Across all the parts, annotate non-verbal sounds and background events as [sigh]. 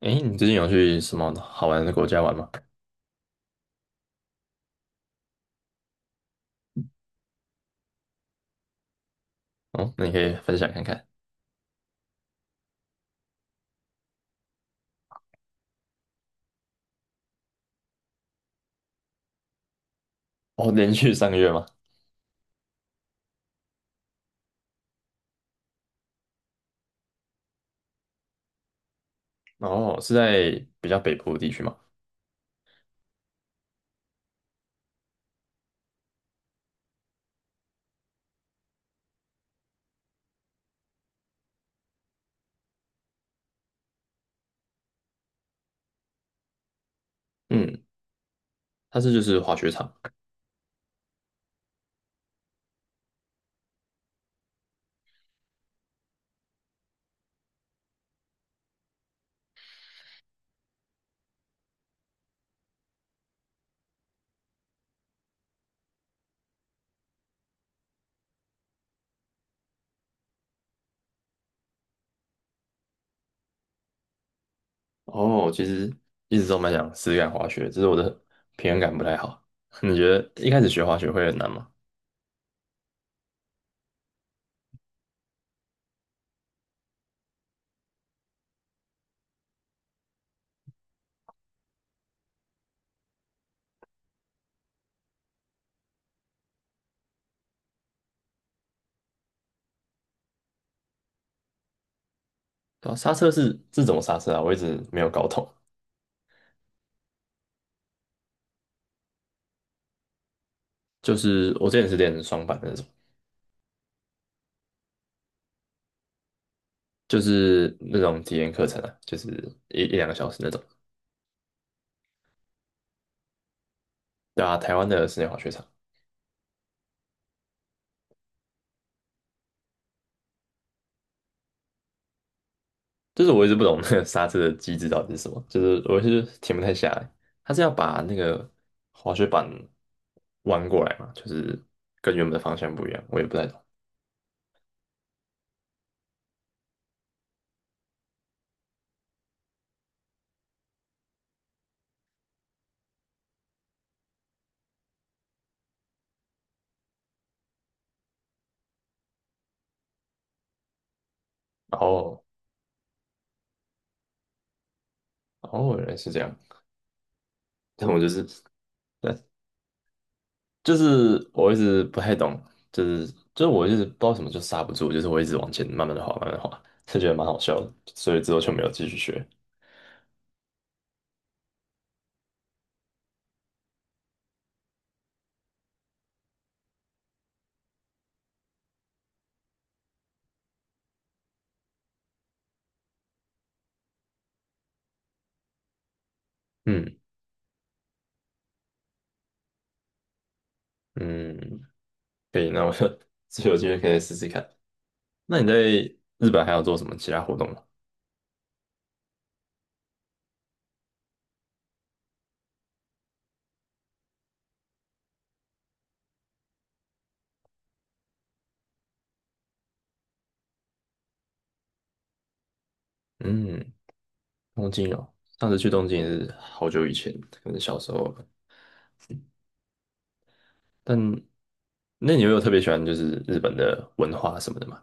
诶，你最近有去什么好玩的国家玩吗？哦，那你可以分享看看。哦，连续三个月吗？哦，是在比较北部的地区吗？嗯，它是就是滑雪场。哦，其实一直都蛮想试试看滑雪，只是我的平衡感不太好。[laughs] 你觉得一开始学滑雪会很难吗？对啊，刹车是怎么刹车啊？我一直没有搞懂。就是我之前是练双板的那种，就是那种体验课程啊，就是一两个小时那种。对啊，台湾的室内滑雪场。就是我一直不懂那个刹车的机制到底是什么，就是我是停不太下来。他是要把那个滑雪板弯过来嘛，就是跟原本的方向不一样，我也不太懂。哦哦，原来是这样。但我就是，对，就是我一直不太懂，就是就是我一直不知道什么就刹不住，就是我一直往前慢慢的滑，慢慢的滑，就觉得蛮好笑的，所以之后就没有继续学。嗯嗯，可以，那我就 [laughs] 有机会可以试试看。那你在日本还有做什么其他活动吗？嗯。东京哦，上次去东京也是好久以前，可能小时候吧。但那你有没有特别喜欢就是日本的文化什么的吗？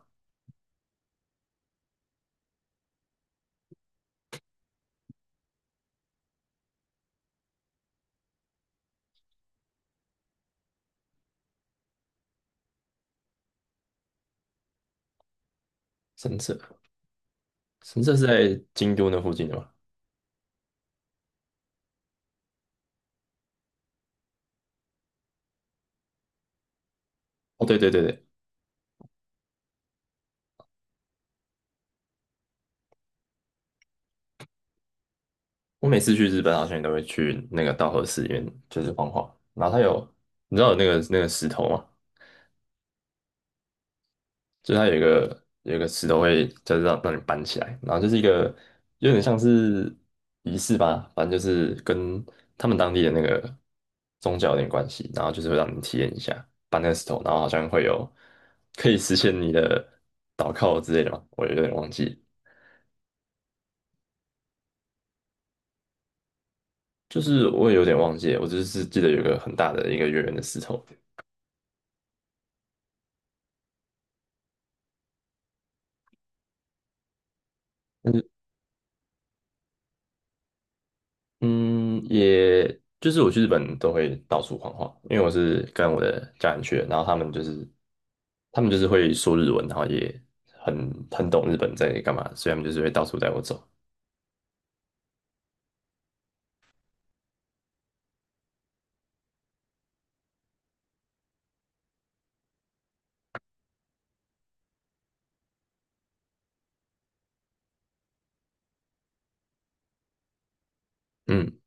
神社，神社是在京都那附近的吗？哦，对对对对，我每次去日本好像也都会去那个稻荷寺里面，就是晃晃。然后它有，你知道有那个石头吗？就是它有一个石头会就是让你搬起来，然后就是一个有点像是仪式吧，反正就是跟他们当地的那个宗教有点关系，然后就是会让你体验一下搬那个石头，然后好像会有可以实现你的祷告之类的嘛，我有点忘记，就是我也有点忘记了我只是记得有一个很大的一个圆圆的石头，嗯，也就是我去日本都会到处晃晃，因为我是跟我的家人去的，然后他们就是会说日文，然后也很懂日本在干嘛，所以他们就是会到处带我走。嗯，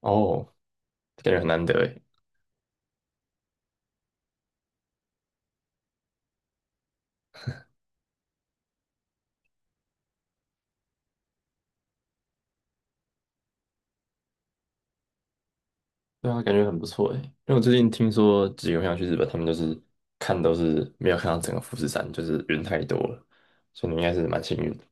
哦，感觉很难得诶，对啊，感觉很不错诶，因为我最近听说几个朋友去日本，他们就是看都是没有看到整个富士山，就是人太多了，所以你应该是蛮幸运的。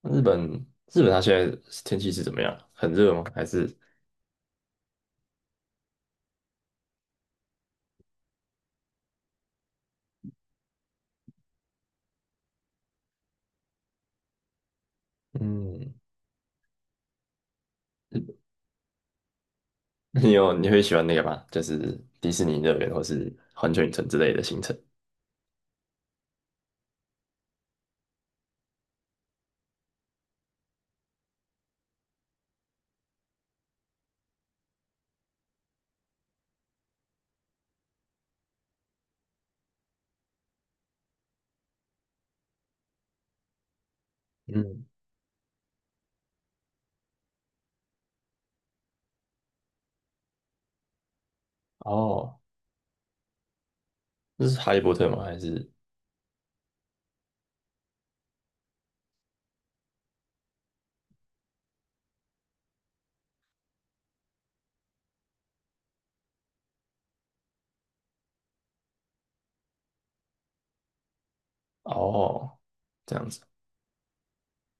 那日本日本它现在天气是怎么样？很热吗？还是嗯？[laughs] 你有你会喜欢那个吗？就是迪士尼乐园或是环球影城之类的行程。嗯，哦，那是哈利波特吗？还是哦这样子？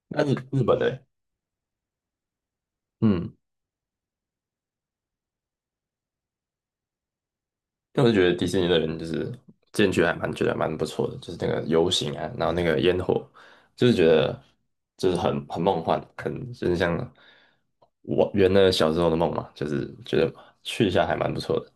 那是日本的欸嗯，但我就觉得迪士尼乐园就是进去还蛮觉得蛮不错的，就是那个游行啊，然后那个烟火，就是觉得就是很梦幻，很就是像我圆了小时候的梦嘛，就是觉得去一下还蛮不错的。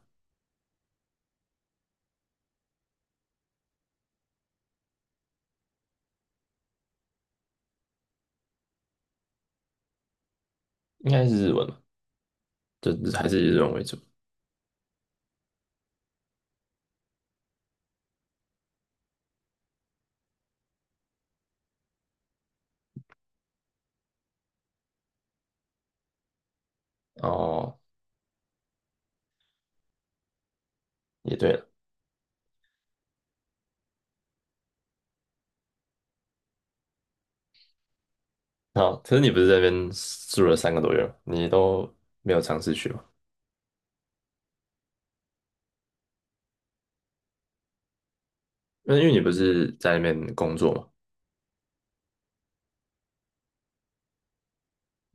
应该是日文吧，就还是以日文为主。哦，也对了。好，可是你不是在那边住了三个多月吗你都没有尝试去吗？那因为你不是在那边工作嘛。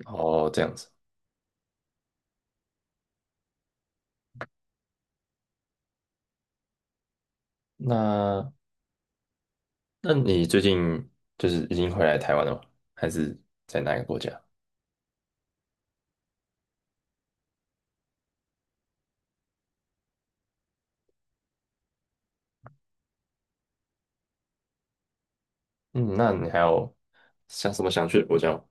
哦，这样子。那那你最近就是已经回来台湾了吗？还是在哪个国家？嗯，那你还有想什么想去的国家吗？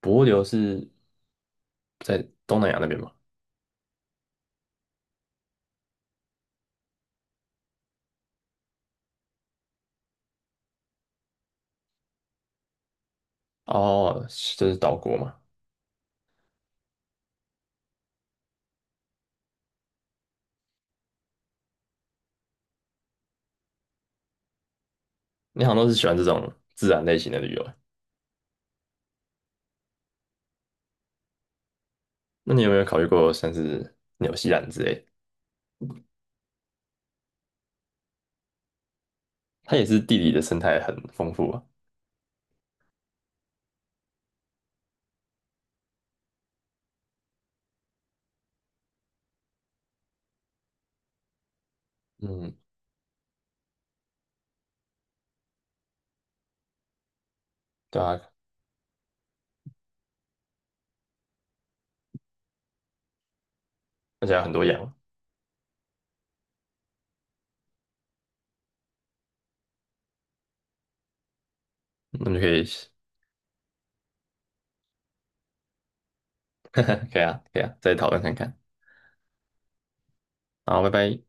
帛琉是在东南亚那边吗？哦，就是岛国嘛。你好像都是喜欢这种自然类型的旅游欸那你有没有考虑过像是纽西兰之类的它也是地理的生态很丰富啊。嗯，对啊，而且有很多羊，那么就可以，[laughs] 可以啊，可以啊，再讨论看看。好，拜拜。